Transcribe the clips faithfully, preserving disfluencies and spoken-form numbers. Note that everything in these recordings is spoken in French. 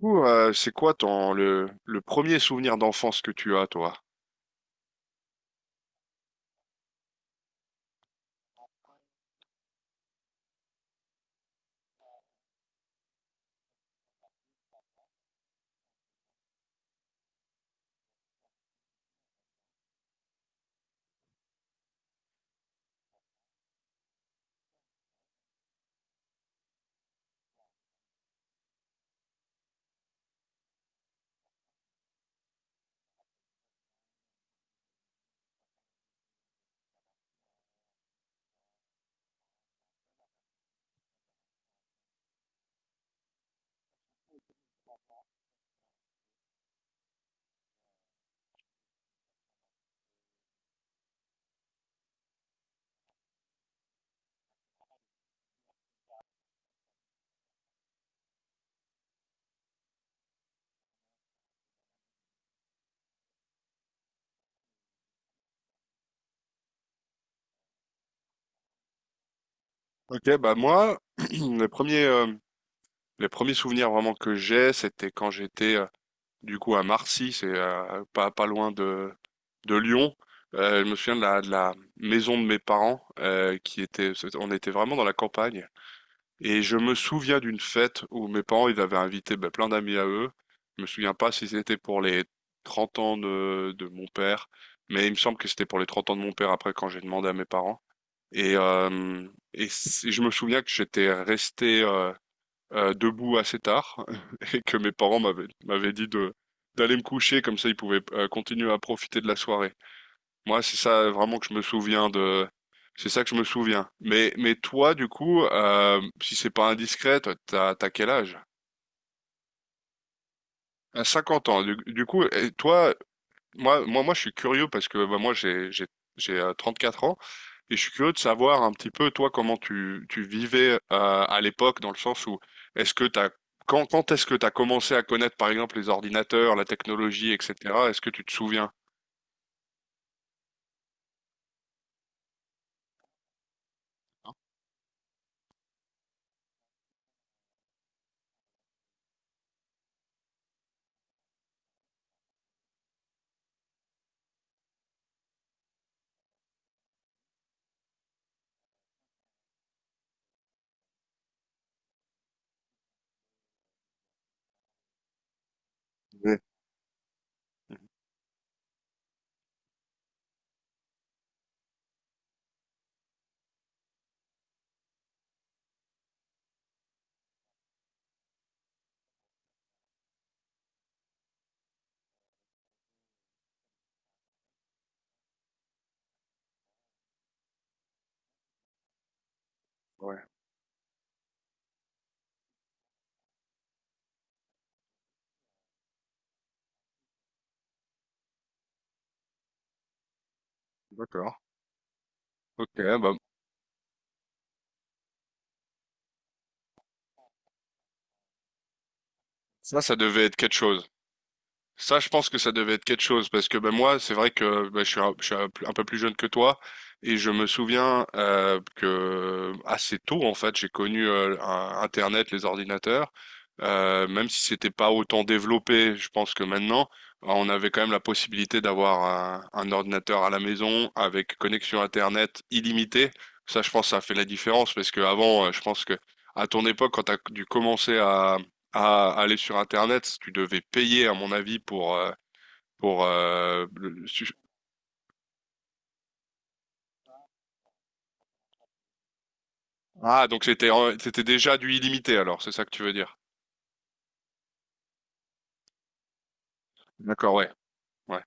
Coup, euh, c'est quoi ton le, le premier souvenir d'enfance que tu as, toi? Ok, bah moi, les premiers, euh, les premiers souvenirs vraiment que j'ai, c'était quand j'étais euh, du coup à Marcy, c'est euh, pas pas loin de de Lyon. Euh, je me souviens de la de la maison de mes parents euh, qui était, on était vraiment dans la campagne. Et je me souviens d'une fête où mes parents, ils avaient invité ben, plein d'amis à eux. Je me souviens pas si c'était pour les trente ans de, de mon père, mais il me semble que c'était pour les trente ans de mon père après quand j'ai demandé à mes parents. Et, euh, et c- je me souviens que j'étais resté euh, euh, debout assez tard et que mes parents m'avaient m'avaient dit de d'aller me coucher comme ça ils pouvaient euh, continuer à profiter de la soirée. Moi, c'est ça vraiment que je me souviens de. C'est ça que je me souviens. Mais, mais toi, du coup, euh, si c'est pas indiscret, toi, t'as, t'as quel âge? À cinquante ans. Du, du coup, et toi, moi, moi, moi, je suis curieux parce que bah, moi, j'ai, j'ai, j'ai euh, quatre ans et je suis curieux de savoir un petit peu, toi, comment tu, tu vivais euh, à l'époque, dans le sens où est-ce que t'as, quand, quand est-ce que t'as commencé à connaître, par exemple, les ordinateurs, la technologie, et cetera. Est-ce que tu te souviens? Ouais. Ouais, d'accord. Ok, bah, ça, ça devait être quelque chose. Ça, je pense que ça devait être quelque chose parce que ben moi, c'est vrai que ben, je suis, un, je suis un un peu plus jeune que toi et je me souviens euh, que assez tôt en fait, j'ai connu euh, un- Internet, les ordinateurs, euh, même si c'était pas autant développé. Je pense que maintenant, ben, on avait quand même la possibilité d'avoir un, un ordinateur à la maison avec connexion Internet illimitée. Ça, je pense, que ça a fait la différence parce que avant, euh, je pense que à ton époque, quand tu as dû commencer à à aller sur Internet, si tu devais payer, à mon avis. pour, euh, pour, euh, le- su- ah, donc c'était, en- c'était déjà du illimité, alors, c'est ça que tu veux dire. D'accord, ouais, ouais.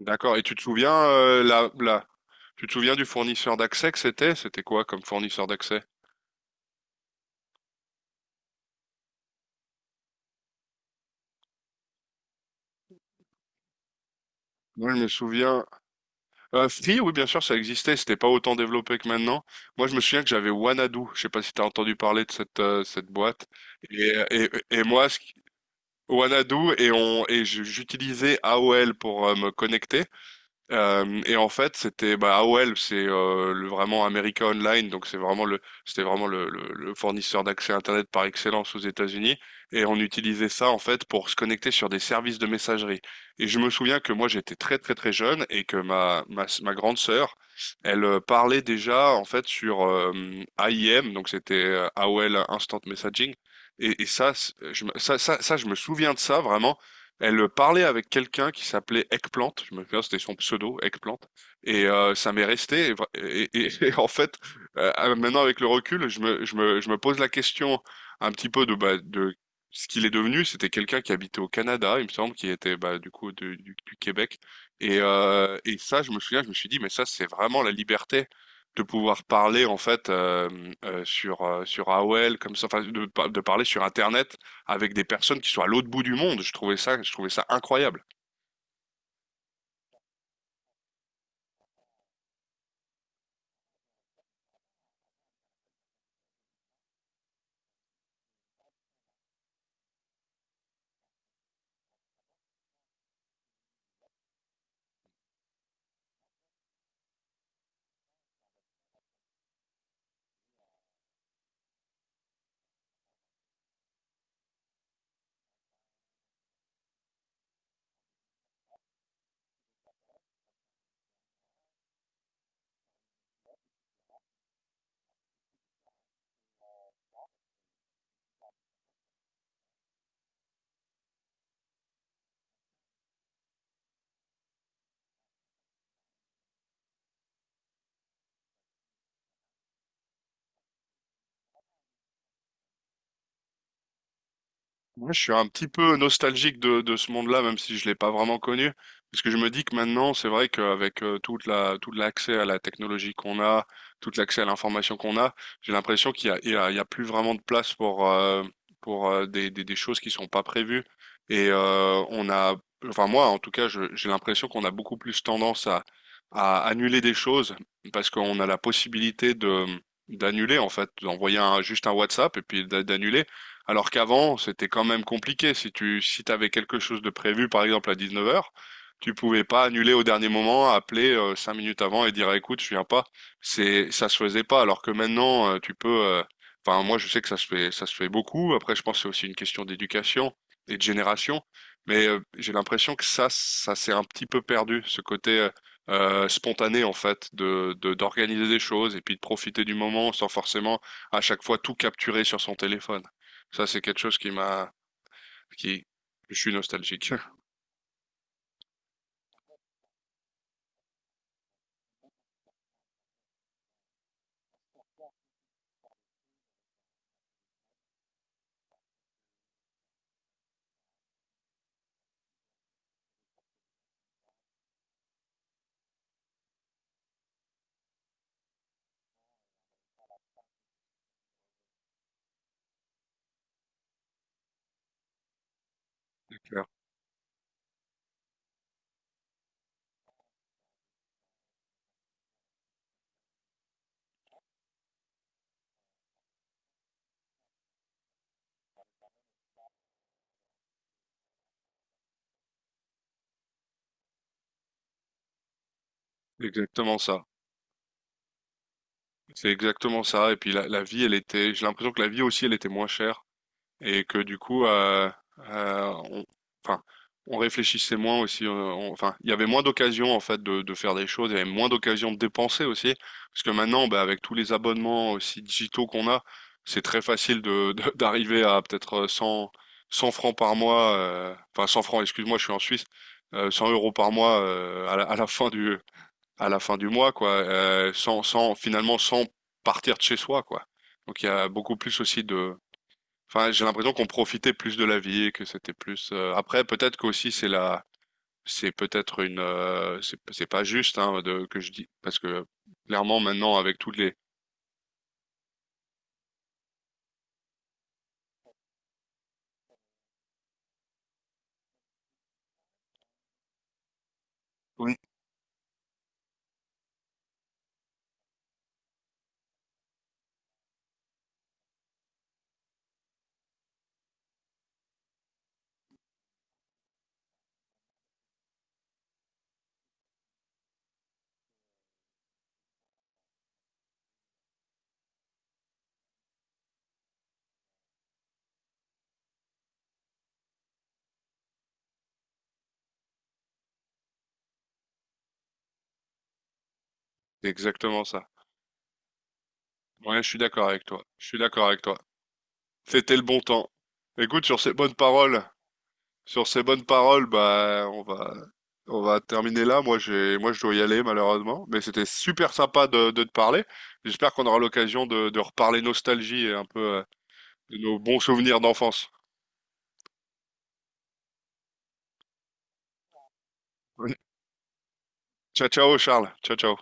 D'accord. Et tu te souviens, euh, la, la- tu te souviens du fournisseur d'accès que c'était? C'était quoi comme fournisseur d'accès? Moi, je me souviens, euh, Free, oui, bien sûr, ça existait, c'était pas autant développé que maintenant. Moi, je me souviens que j'avais Wanadu. Je sais pas si t'as entendu parler de cette, euh, cette boîte. Et, et, et moi, ce Wanadu et on et j- j'utilisais A O L pour euh, me connecter. Euh, et en fait, c'était bah, A O L, c'est euh, le vraiment America Online, donc c'est vraiment le c'était vraiment le, le, le fournisseur d'accès Internet par excellence aux États-Unis. Et on utilisait ça en fait pour se connecter sur des services de messagerie. Et je me souviens que moi j'étais très très très jeune et que ma ma, ma grande sœur, elle euh, parlait déjà en fait sur euh, A I M, donc c'était euh, A O L Instant Messaging. Et, et ça, c'est- je, me- ça, ça, ça, je me souviens de ça vraiment. Elle parlait avec quelqu'un qui s'appelait Eggplant, je me souviens, c'était son pseudo, Eggplant, et euh, ça m'est resté. Et, vra- et- et- et en fait, euh, euh, maintenant avec le recul, je me, je me, je me pose la question un petit peu de, bah, de ce qu'il est devenu. C'était quelqu'un qui habitait au Canada, il me semble, qui était bah, du coup de- du, du Québec. Et, euh, et ça, je me souviens, je me suis dit, mais ça, c'est vraiment la liberté de pouvoir parler en fait euh, euh, sur euh, sur A O L comme ça, enfin de, par- de parler sur Internet avec des personnes qui sont à l'autre bout du monde. Je trouvais ça, je trouvais ça incroyable. Moi, je suis un petit peu nostalgique de, de ce monde-là, même si je l'ai pas vraiment connu, parce que je me dis que maintenant, c'est vrai qu'avec euh, toute la, tout l'accès à la technologie qu'on a, tout l'accès à l'information qu'on a, j'ai l'impression qu'il y a, il y a, il y a plus vraiment de place pour euh, pour euh, des, des, des choses qui sont pas prévues. Et euh, on a, enfin moi, en tout cas, je- j'ai l'impression qu'on a beaucoup plus tendance à à annuler des choses parce qu'on a la possibilité de d'annuler en fait, d'envoyer un, juste un WhatsApp et puis d'a- d'annuler. Alors qu'avant, c'était quand même compliqué. Si tu, si t'avais quelque chose de prévu, par exemple à dix-neuf heures, tu pouvais pas annuler au dernier moment, appeler euh, cinq minutes avant et dire écoute, je viens pas. C'est, ça se faisait pas. Alors que maintenant, euh, tu peux. euh, Enfin, moi, je sais que ça se fait, ça se fait beaucoup. Après, je pense que c'est aussi une question d'éducation et de génération. Mais euh, j'ai l'impression que ça, ça s'est un petit peu perdu, ce côté euh, euh, spontané en fait, de, de- d'organiser des choses et puis de profiter du moment sans forcément à chaque fois tout capturer sur son téléphone. Ça, c'est quelque chose qui m'a, qui, je suis nostalgique. Clair. Exactement ça. C'est exactement ça. Et puis la, la vie, elle était, j'ai l'impression que la vie aussi, elle était moins chère. Et que du coup, euh, euh, on, enfin, on réfléchissait moins aussi. Euh, on- enfin, il y avait moins d'occasions en fait de, de faire des choses, il y avait moins d'occasions de dépenser aussi, parce que maintenant, bah, avec tous les abonnements aussi digitaux qu'on a, c'est très facile de, de- d'arriver à peut-être euh, cent cent francs par mois, euh, enfin cent francs, excuse-moi, je suis en Suisse, euh, cent euros par mois euh, à la, à la fin du à la fin du mois, quoi, euh, sans, sans finalement sans partir de chez soi, quoi. Donc il y a beaucoup plus aussi de Enfin, j'ai l'impression qu'on profitait plus de la vie, que c'était plus. euh, Après, peut-être qu'aussi c'est la, c'est peut-être une, euh, c'est c'est pas juste hein, de que je dis parce que clairement maintenant avec toutes les. Oui. C'est exactement ça. Ouais, je suis d'accord avec toi. Je suis d'accord avec toi. C'était le bon temps. Écoute, sur ces bonnes paroles, sur ces bonnes paroles, bah on va, on va terminer là. Moi, j'ai, moi je dois y aller malheureusement, mais c'était super sympa de, de te parler. J'espère qu'on aura l'occasion de, de reparler nostalgie et un peu euh, de nos bons souvenirs d'enfance. Ciao, ciao, Charles. Ciao, ciao.